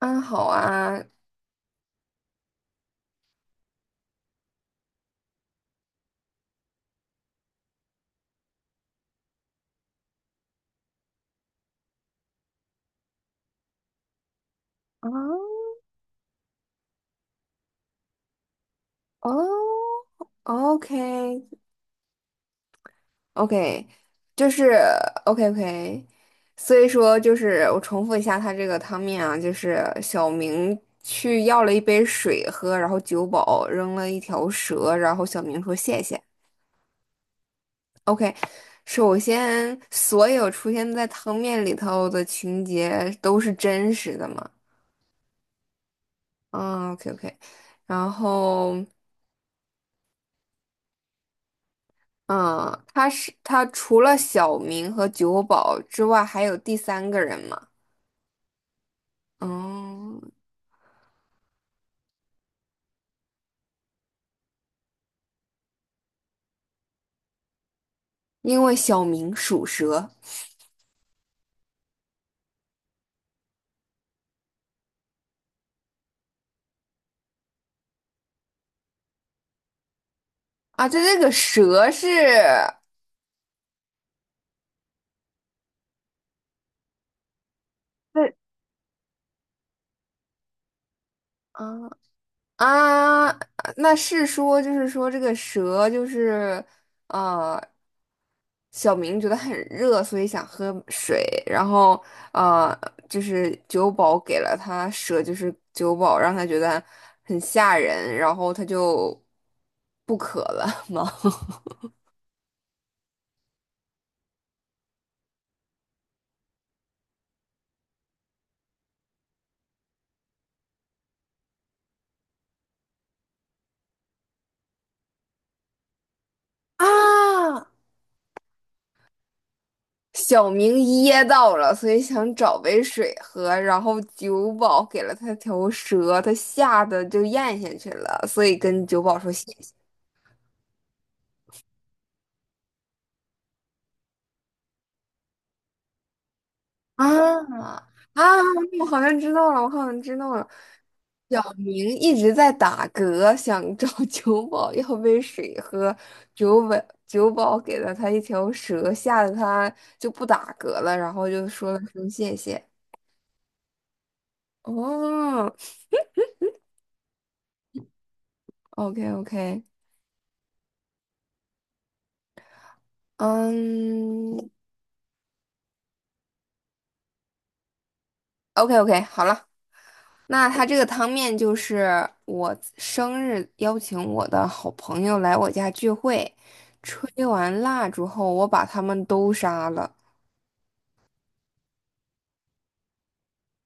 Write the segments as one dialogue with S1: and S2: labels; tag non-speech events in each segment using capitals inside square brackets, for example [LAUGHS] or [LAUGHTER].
S1: 安好啊，啊哦，OK OK，就是 OK OK，所以说就是我重复一下他这个汤面啊，就是小明去要了一杯水喝，然后酒保扔了一条蛇，然后小明说谢谢。OK，首先所有出现在汤面里头的情节都是真实的嘛？啊 OK，然后。嗯，他除了小明和酒保之外，还有第三个人吗？嗯，因为小明属蛇啊，这个蛇是，对，啊，啊，那是说，就是说这个蛇就是，呃，小明觉得很热，所以想喝水，然后呃，就是酒保给了他蛇，就是酒保让他觉得很吓人，然后他就不渴了吗？[LAUGHS] 啊，小明噎到了，所以想找杯水喝，然后酒保给了他条蛇，他吓得就咽下去了，所以跟酒保说谢谢。啊啊！我好像知道了，我好像知道了。小明一直在打嗝，想找 [LAUGHS] 酒保要杯水喝，酒宝酒保给了他一条蛇，吓得他就不打嗝了，然后就说了声谢谢。哦，OK OK，嗯，OK OK，好了，那他这个汤面就是我生日邀请我的好朋友来我家聚会。吹完蜡烛后，我把他们都杀了。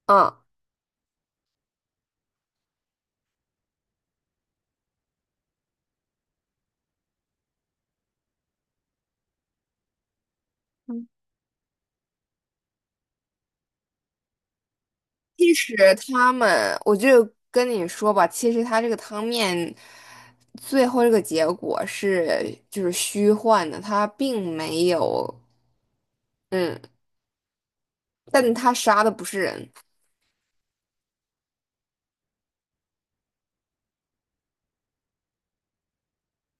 S1: 嗯，其实他们，我就跟你说吧，其实他这个汤面最后这个结果是就是虚幻的，他并没有，嗯，但他杀的不是人。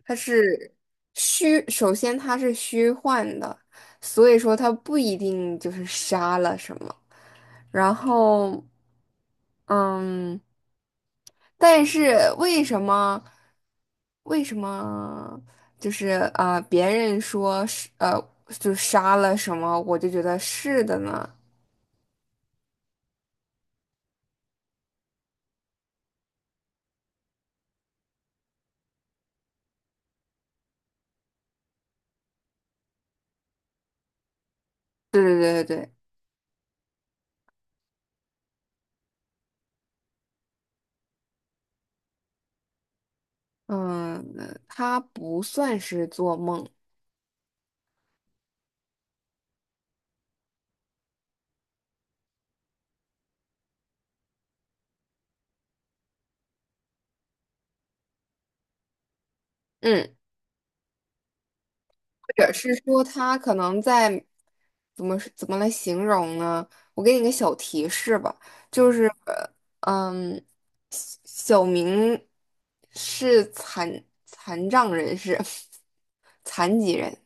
S1: 它是虚，首先它是虚幻的，所以说它不一定就是杀了什么。然后，嗯，但是为什么就是啊、别人说是就杀了什么，我就觉得是的呢？对对对对对，嗯，它不算是做梦，嗯。者是说他可能在怎么来形容呢？我给你个小提示吧，就是嗯，小明是残障人士，[LAUGHS] 残疾人，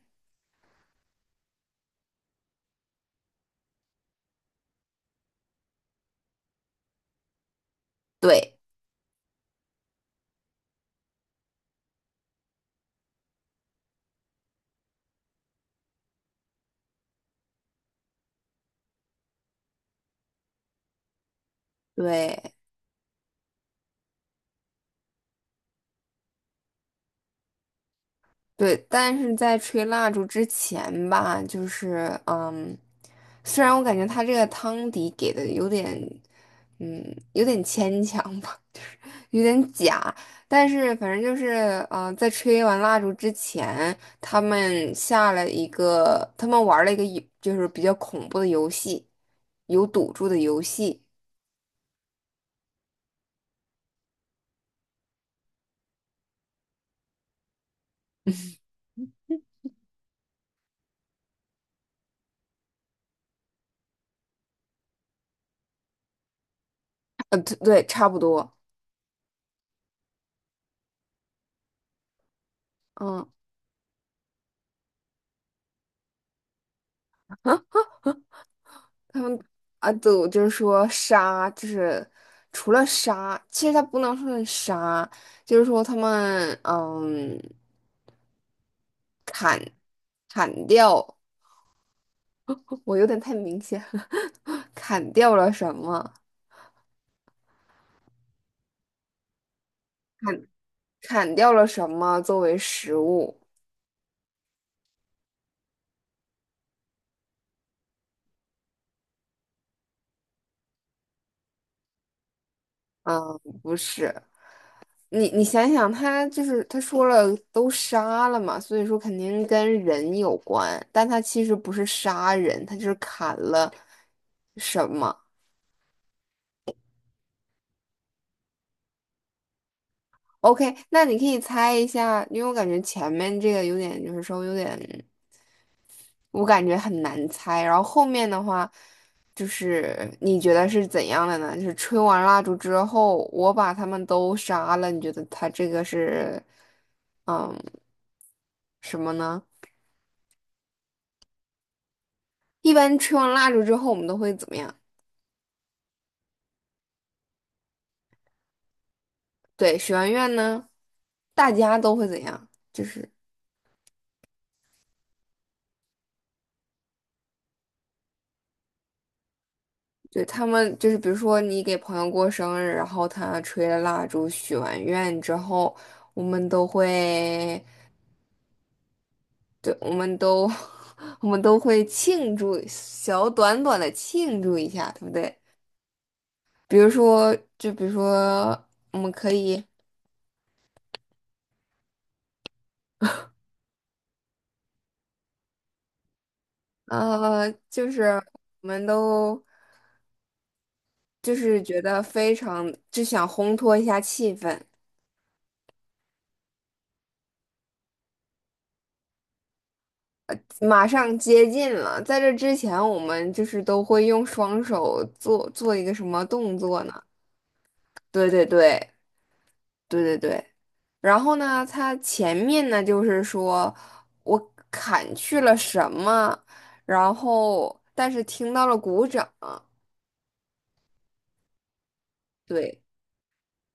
S1: 对对。对，但是在吹蜡烛之前吧，就是嗯，虽然我感觉他这个汤底给的有点，嗯，有点牵强吧，就是有点假，但是反正就是嗯，在吹完蜡烛之前，他们玩了一个就是比较恐怖的游戏，有赌注的游戏，对，对差不多，嗯。啊，对，我就是说杀，就是除了杀，其实他不能说是杀，就是说他们砍砍掉，我有点太明显了，[LAUGHS] 砍掉了什么？砍砍掉了什么作为食物？嗯，不是，你想想，他就是他说了都杀了嘛，所以说肯定跟人有关，但他其实不是杀人，他就是砍了什么。OK，那你可以猜一下，因为我感觉前面这个有点，就是稍微有点，我感觉很难猜。然后后面的话，就是你觉得是怎样的呢？就是吹完蜡烛之后，我把他们都杀了，你觉得他这个是，嗯，什么呢？一般吹完蜡烛之后，我们都会怎么样？对，许完愿呢，大家都会怎样？就是。对，他们就是，比如说你给朋友过生日，然后他吹了蜡烛、许完愿之后，我们都会，对，我们都，[LAUGHS] 我们都会庆祝，小短短的庆祝一下，对不对？比如说，就比如说，我们可以，就是我们都就是觉得非常，就想烘托一下气氛。马上接近了，在这之前，我们就是都会用双手做一个什么动作呢？对对对对对对。然后呢，他前面呢就是说我砍去了什么，然后但是听到了鼓掌，对，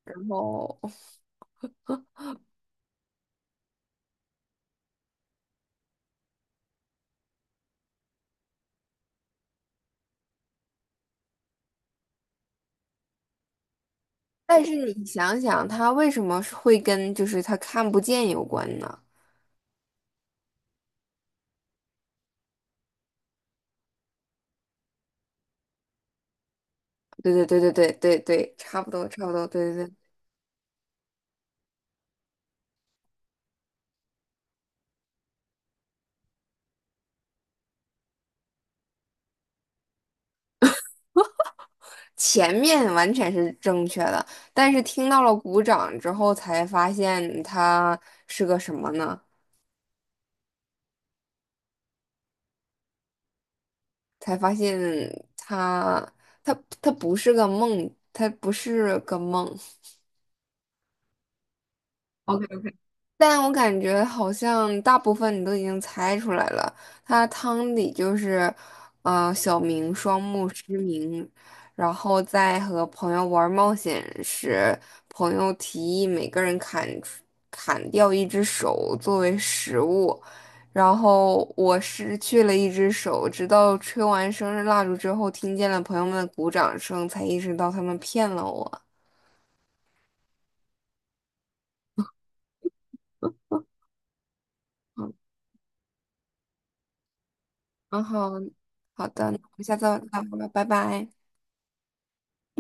S1: 然后但是你想想，他为什么是会跟就是他看不见有关呢？对对对对对对对，差不多差不多，对对对。前面完全是正确的，但是听到了鼓掌之后，才发现它是个什么呢？才发现它，它，它不是个梦，它不是个梦，但我感觉好像大部分你都已经猜出来了，他汤底就是，小明双目失明，然后在和朋友玩冒险时，朋友提议每个人砍掉一只手作为食物，然后我失去了一只手，直到吹完生日蜡烛之后，听见了朋友们的鼓掌声，才意识到他们骗了我。嗯，然后好的，我们下次再聊吧，拜拜。